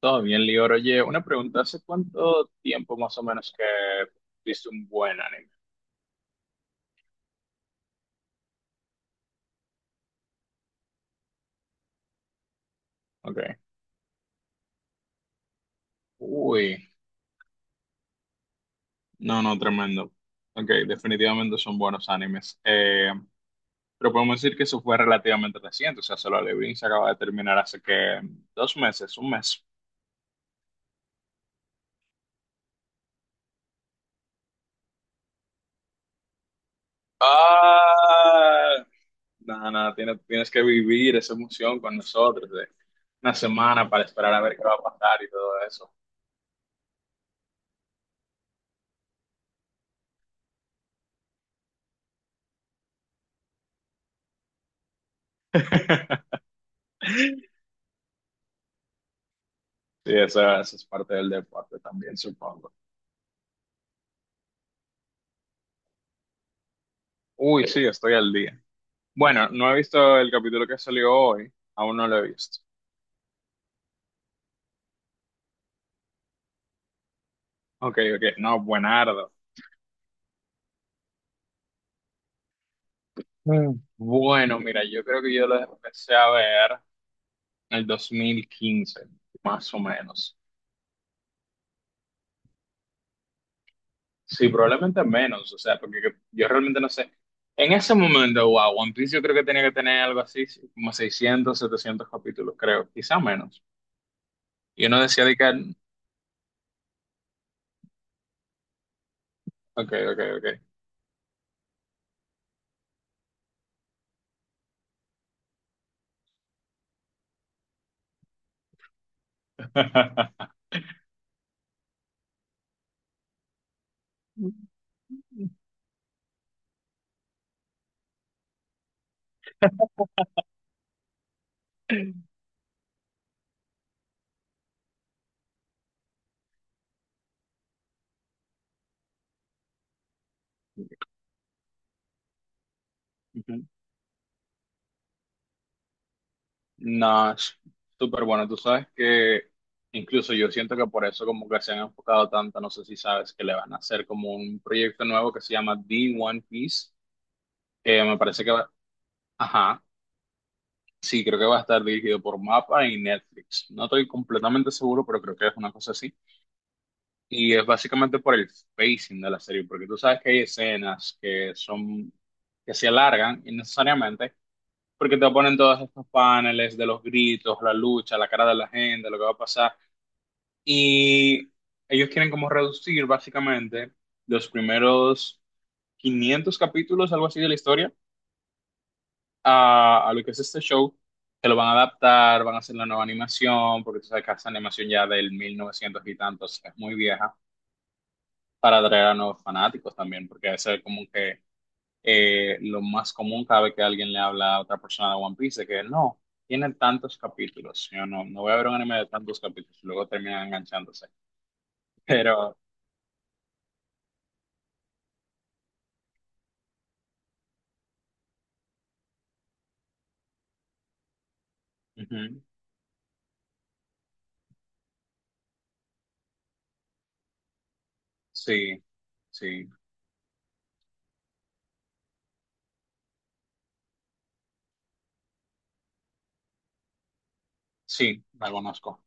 Todo bien, Lior. Oye, una pregunta. ¿Hace cuánto tiempo más o menos que viste un buen anime? Ok. Uy, no, no, tremendo. Ok, definitivamente son buenos animes. Pero podemos decir que eso fue relativamente reciente. O sea, Solo Leveling se acaba de terminar hace que dos meses, un mes. Ah, nada, nada, tienes que vivir esa emoción con nosotros de una semana para esperar a ver qué va a pasar y todo eso. Sí, esa es parte del deporte también, supongo. Uy, sí, estoy al día. Bueno, no he visto el capítulo que salió hoy, aún no lo he visto. Ok, ok, no, buenardo. Mm. Bueno, mira, yo creo que yo lo empecé a ver en el 2015, más o menos. Sí, probablemente menos, o sea, porque yo realmente no sé. En ese momento, wow, One Piece yo creo que tenía que tener algo así, sí, como 600, 700 capítulos, creo, quizá menos. Y uno decía de que, ok, ok, ok. No, es súper bueno. Tú sabes que incluso yo siento que por eso como que se han enfocado tanto, no sé si sabes, que le van a hacer como un proyecto nuevo que se llama The One Piece, que me parece que va, ajá, sí, creo que va a estar dirigido por MAPPA y Netflix. No estoy completamente seguro, pero creo que es una cosa así. Y es básicamente por el pacing de la serie, porque tú sabes que hay escenas que son, que se alargan innecesariamente, porque te ponen todos estos paneles de los gritos, la lucha, la cara de la gente, lo que va a pasar. Y ellos quieren como reducir básicamente los primeros 500 capítulos, algo así de la historia, a lo que es este show, que lo van a adaptar, van a hacer la nueva animación, porque tú sabes que esa animación ya del 1900 y tantos es muy vieja, para atraer a nuevos fanáticos también, porque eso es como que lo más común cada vez que alguien le habla a otra persona de One Piece, es que no, tiene tantos capítulos, yo no, no voy a ver un anime de tantos capítulos, y luego terminan enganchándose, pero... ujú. Sí, sí, sí, la conozco.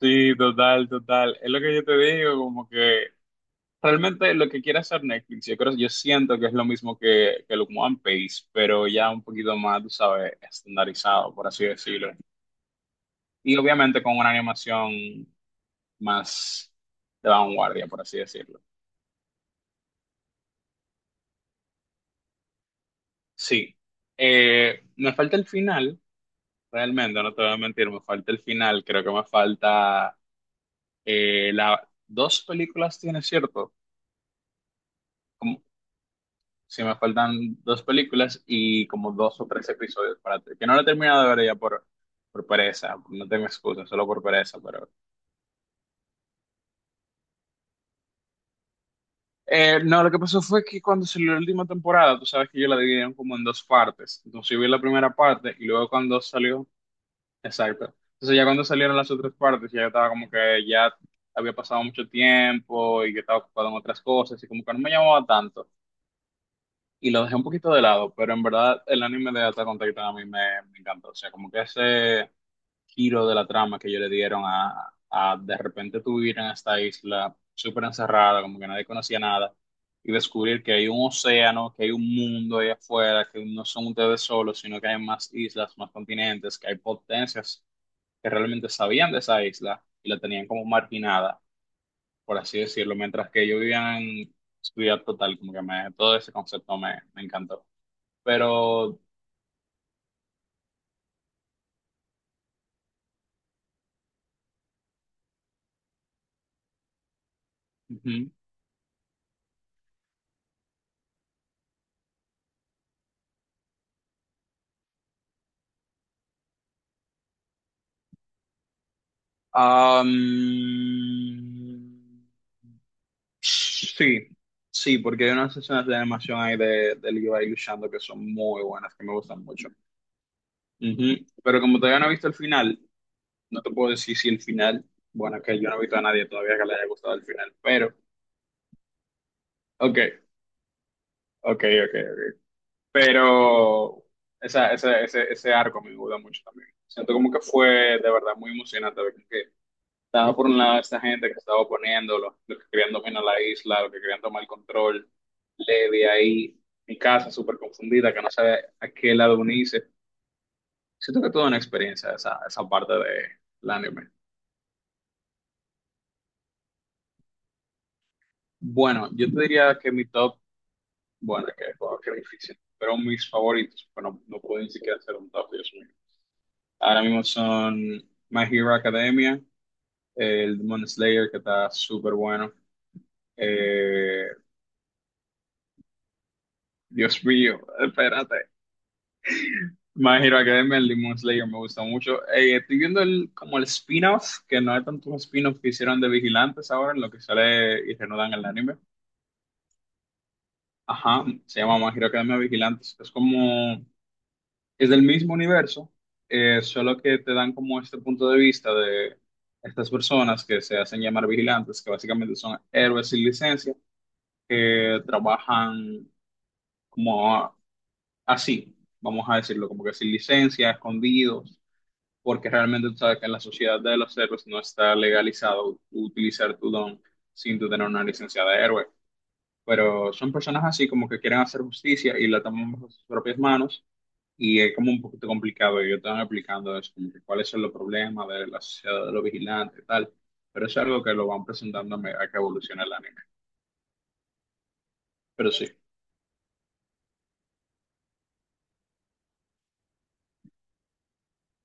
Sí, total, total. Es lo que yo te digo, como que realmente lo que quiere hacer Netflix, yo creo, yo siento que es lo mismo que el One Piece, pero ya un poquito más, tú sabes, estandarizado, por así decirlo. Y obviamente con una animación más de vanguardia, por así decirlo. Sí. Me falta el final, realmente, no te voy a mentir, me falta el final, creo que me falta la, dos películas tiene, ¿cierto? Como, si me faltan dos películas y como dos o tres episodios para que no la he terminado de ver ya por pereza, no tengo excusa, solo por pereza, pero... no, lo que pasó fue que cuando salió la última temporada, tú sabes que yo la dividieron como en dos partes. Entonces yo vi la primera parte y luego cuando salió, exacto. Entonces ya cuando salieron las otras partes, ya estaba como que ya había pasado mucho tiempo y que estaba ocupado en otras cosas y como que no me llamaba tanto. Y lo dejé un poquito de lado, pero en verdad el anime de Attack on Titan a mí me, me encantó. O sea, como que ese giro de la trama que ellos le dieron a de repente tú ir en esta isla súper encerrada, como que nadie conocía nada, y descubrir que hay un océano, que hay un mundo ahí afuera, que no son ustedes solos, sino que hay más islas, más continentes, que hay potencias que realmente sabían de esa isla y la tenían como marginada, por así decirlo, mientras que ellos vivían en... su vida total, como que me, todo ese concepto me, me encantó pero ujú. Am, sí, sí, porque hay unas escenas de animación ahí de Levi luchando que son muy buenas, que me gustan mucho. Ujú. Pero como todavía no he visto el final, no te puedo decir si el final, bueno, que yo no he visto a nadie todavía que le haya gustado el final, pero, ok, ok, ok, ok. Pero esa, ese arco me gusta mucho también. Siento como que fue de verdad muy emocionante. Estaba por un lado esta gente que estaba oponiendo, los que querían dominar la isla, los que querían tomar el control. Levi ahí, mi casa súper confundida, que no sabe a qué lado unirse. Siento que toda una experiencia esa, esa parte del anime. Bueno, yo te diría que mi top, bueno, que, wow, qué difícil, pero mis favoritos, bueno, no puedo ni siquiera hacer un top, Dios mío. Ahora mismo son My Hero Academia, el Demon Slayer, que está súper bueno. Eh, Dios mío, espérate. Hero Academia, el Demon Slayer me gusta mucho. Estoy viendo el, como el spin-off, que no hay tantos spin-offs que hicieron de Vigilantes ahora, en lo que sale y reanudan el anime. Ajá, se llama My Hero Academia Vigilantes. Es como, es del mismo universo, solo que te dan como este punto de vista de estas personas que se hacen llamar vigilantes, que básicamente son héroes sin licencia, que trabajan como así, vamos a decirlo, como que sin licencia, escondidos porque realmente tú sabes que en la sociedad de los héroes no está legalizado utilizar tu don sin tú tener una licencia de héroe. Pero son personas así como que quieren hacer justicia y la toman bajo sus propias manos y es como un poquito complicado. Y yo estaba explicando eso, como que cuáles son los problemas de la sociedad de los vigilantes y tal. Pero es algo que lo van presentando a a que evoluciona el anime. Pero sí,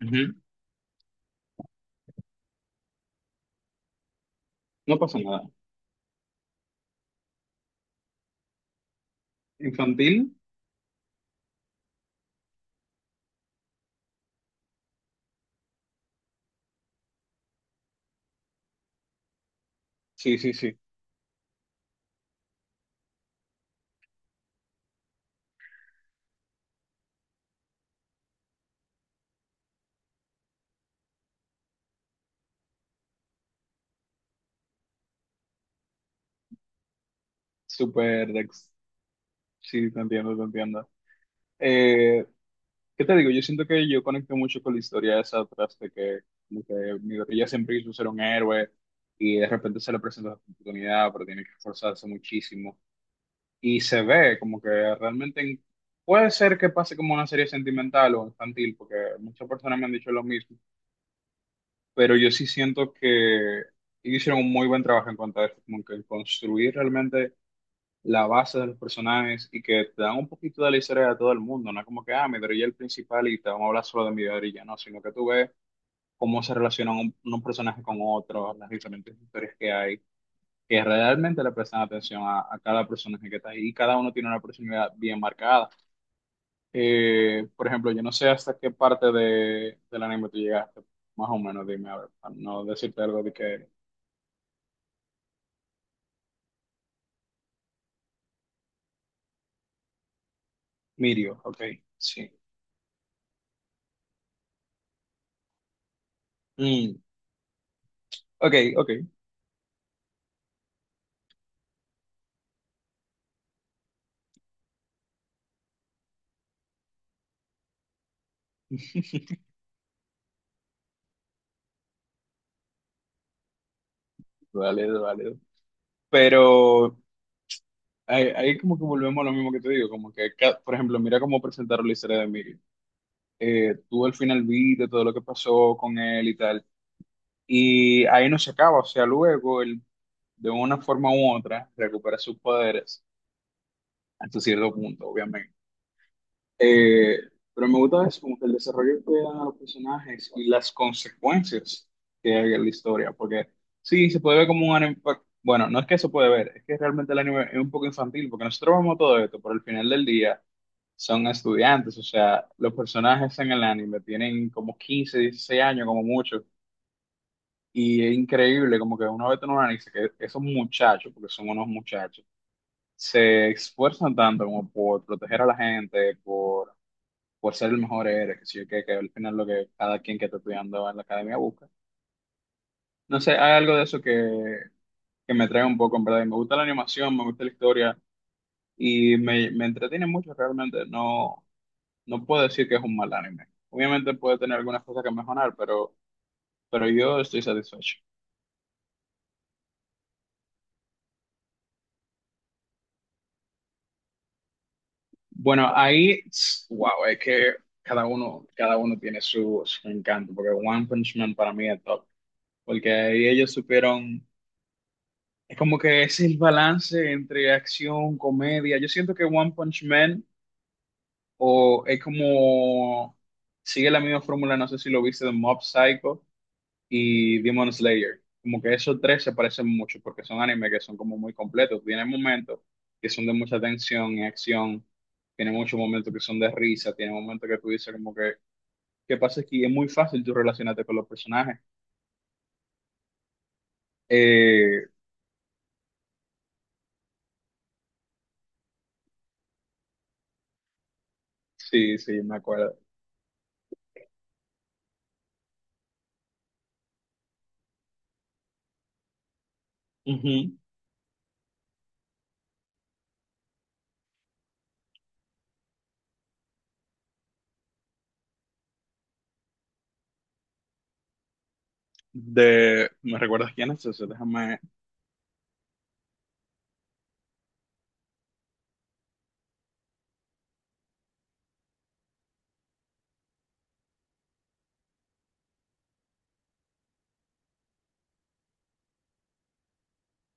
ujú. No pasa nada. Infantil, sí, sí, sí. Súper, dex- sí, te entiendo, te entiendo. Eh, ¿Qué te digo? Yo siento que yo conecto mucho con la historia esa atrás de que, como que Midoriya siempre quiso ser un héroe y de repente se le presenta la oportunidad, pero tiene que esforzarse muchísimo. Y se ve como que realmente puede ser que pase como una serie sentimental o infantil, porque muchas personas me han dicho lo mismo, pero yo sí siento que ellos hicieron un muy buen trabajo en cuanto a eso, como que construir realmente la base de los personajes y que te dan un poquito de la historia de todo el mundo. No es como que, ah, Midoriya es el principal y te vamos a hablar solo de Midoriya, no, sino que tú ves cómo se relacionan un personaje con otro, las diferentes historias que hay, que realmente le prestan atención a cada personaje que está ahí y cada uno tiene una personalidad bien marcada. Por ejemplo, yo no sé hasta qué parte de, del anime tú llegaste, más o menos, dime, a ver, para no decirte algo de que Mirio, ok, sí. Mm, ok, ok. Vale, vale, pero ahí, ahí como que volvemos a lo mismo que te digo, como que, por ejemplo, mira cómo presentaron la historia de Emilio. Tú al final viste todo lo que pasó con él y tal, y ahí no se acaba, o sea, luego él de una forma u otra recupera sus poderes hasta cierto punto, obviamente. Eh, pero me gusta eso, como que el desarrollo que dan a los personajes y las consecuencias que hay en la historia, porque sí, se puede ver como un anime, bueno, no es que se puede ver, es que realmente el anime es un poco infantil, porque nosotros vemos todo esto, pero al final del día son estudiantes, o sea, los personajes en el anime tienen como 15 16 años como mucho, y es increíble como que uno ve en un anime que esos muchachos, porque son unos muchachos, se esfuerzan tanto como por proteger a la gente, por ser el mejor eres, que, sí que al final lo que cada quien que está estudiando en la academia busca. No sé, hay algo de eso que me trae un poco, en verdad. Y me gusta la animación, me gusta la historia y me entretiene mucho realmente. No, no puedo decir que es un mal anime. Obviamente puede tener algunas cosas que mejorar, pero yo estoy satisfecho. Bueno, ahí, tss, wow, es que cada uno tiene su, su encanto, porque One Punch Man para mí es top, porque ahí ellos supieron Es como que es el balance entre acción, comedia. Yo siento que One Punch Man o es como sigue la misma fórmula, no sé si lo viste de Mob Psycho y Demon Slayer. Como que esos tres se parecen mucho porque son animes que son como muy completos. Tienen momentos que son de mucha tensión y acción. Tienen muchos momentos que son de risa. Tienen momentos que tú dices como que, ¿qué pasa aquí? Es muy fácil tú relacionarte con los personajes. Eh, sí, sí, me acuerdo. Ujú. De... ¿Me recuerdas quién es ese? Déjame...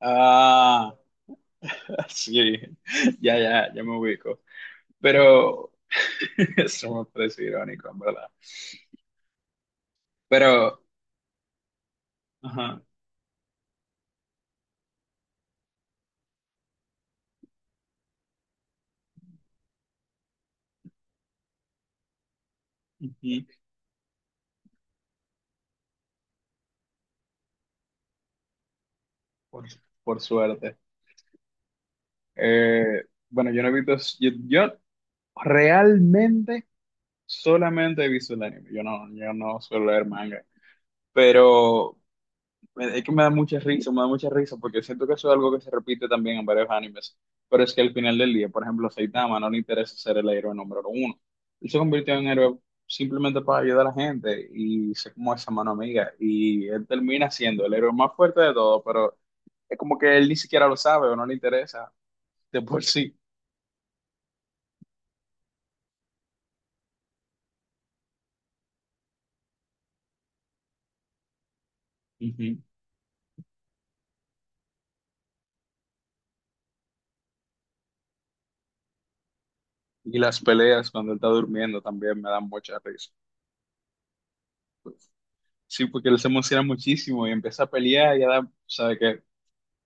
Ah, sí, ya, ya, ya me ubico. Pero... Eso me parece irónico, en verdad. Pero... Ajá, ujú, por, por suerte. Bueno, yo no he visto... Yo realmente solamente he visto el anime. Yo no, yo no suelo leer manga. Pero... es que me da mucha risa, me da mucha risa, porque siento que eso es algo que se repite también en varios animes. Pero es que al final del día, por ejemplo, a Saitama no le interesa ser el héroe número uno. Él se convirtió en héroe simplemente para ayudar a la gente y ser como esa mano amiga. Y él termina siendo el héroe más fuerte de todos, pero es como que él ni siquiera lo sabe o no le interesa de por sí. Ujú. Y las peleas cuando él está durmiendo también me dan mucha risa. Sí, porque él se emociona muchísimo y empieza a pelear y ya da,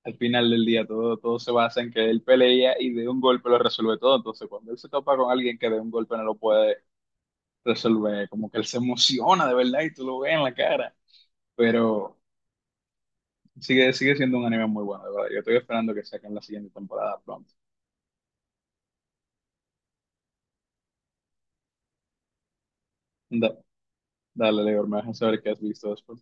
al final del día todo, todo se basa en que él pelea y de un golpe lo resuelve todo. Entonces, cuando él se topa con alguien que de un golpe no lo puede resolver, como que él se emociona de verdad y tú lo ves en la cara. Pero sigue, sigue siendo un anime muy bueno, de verdad. Yo estoy esperando que saquen la siguiente temporada pronto. Da- dale, Leo, me dejas saber qué has visto después.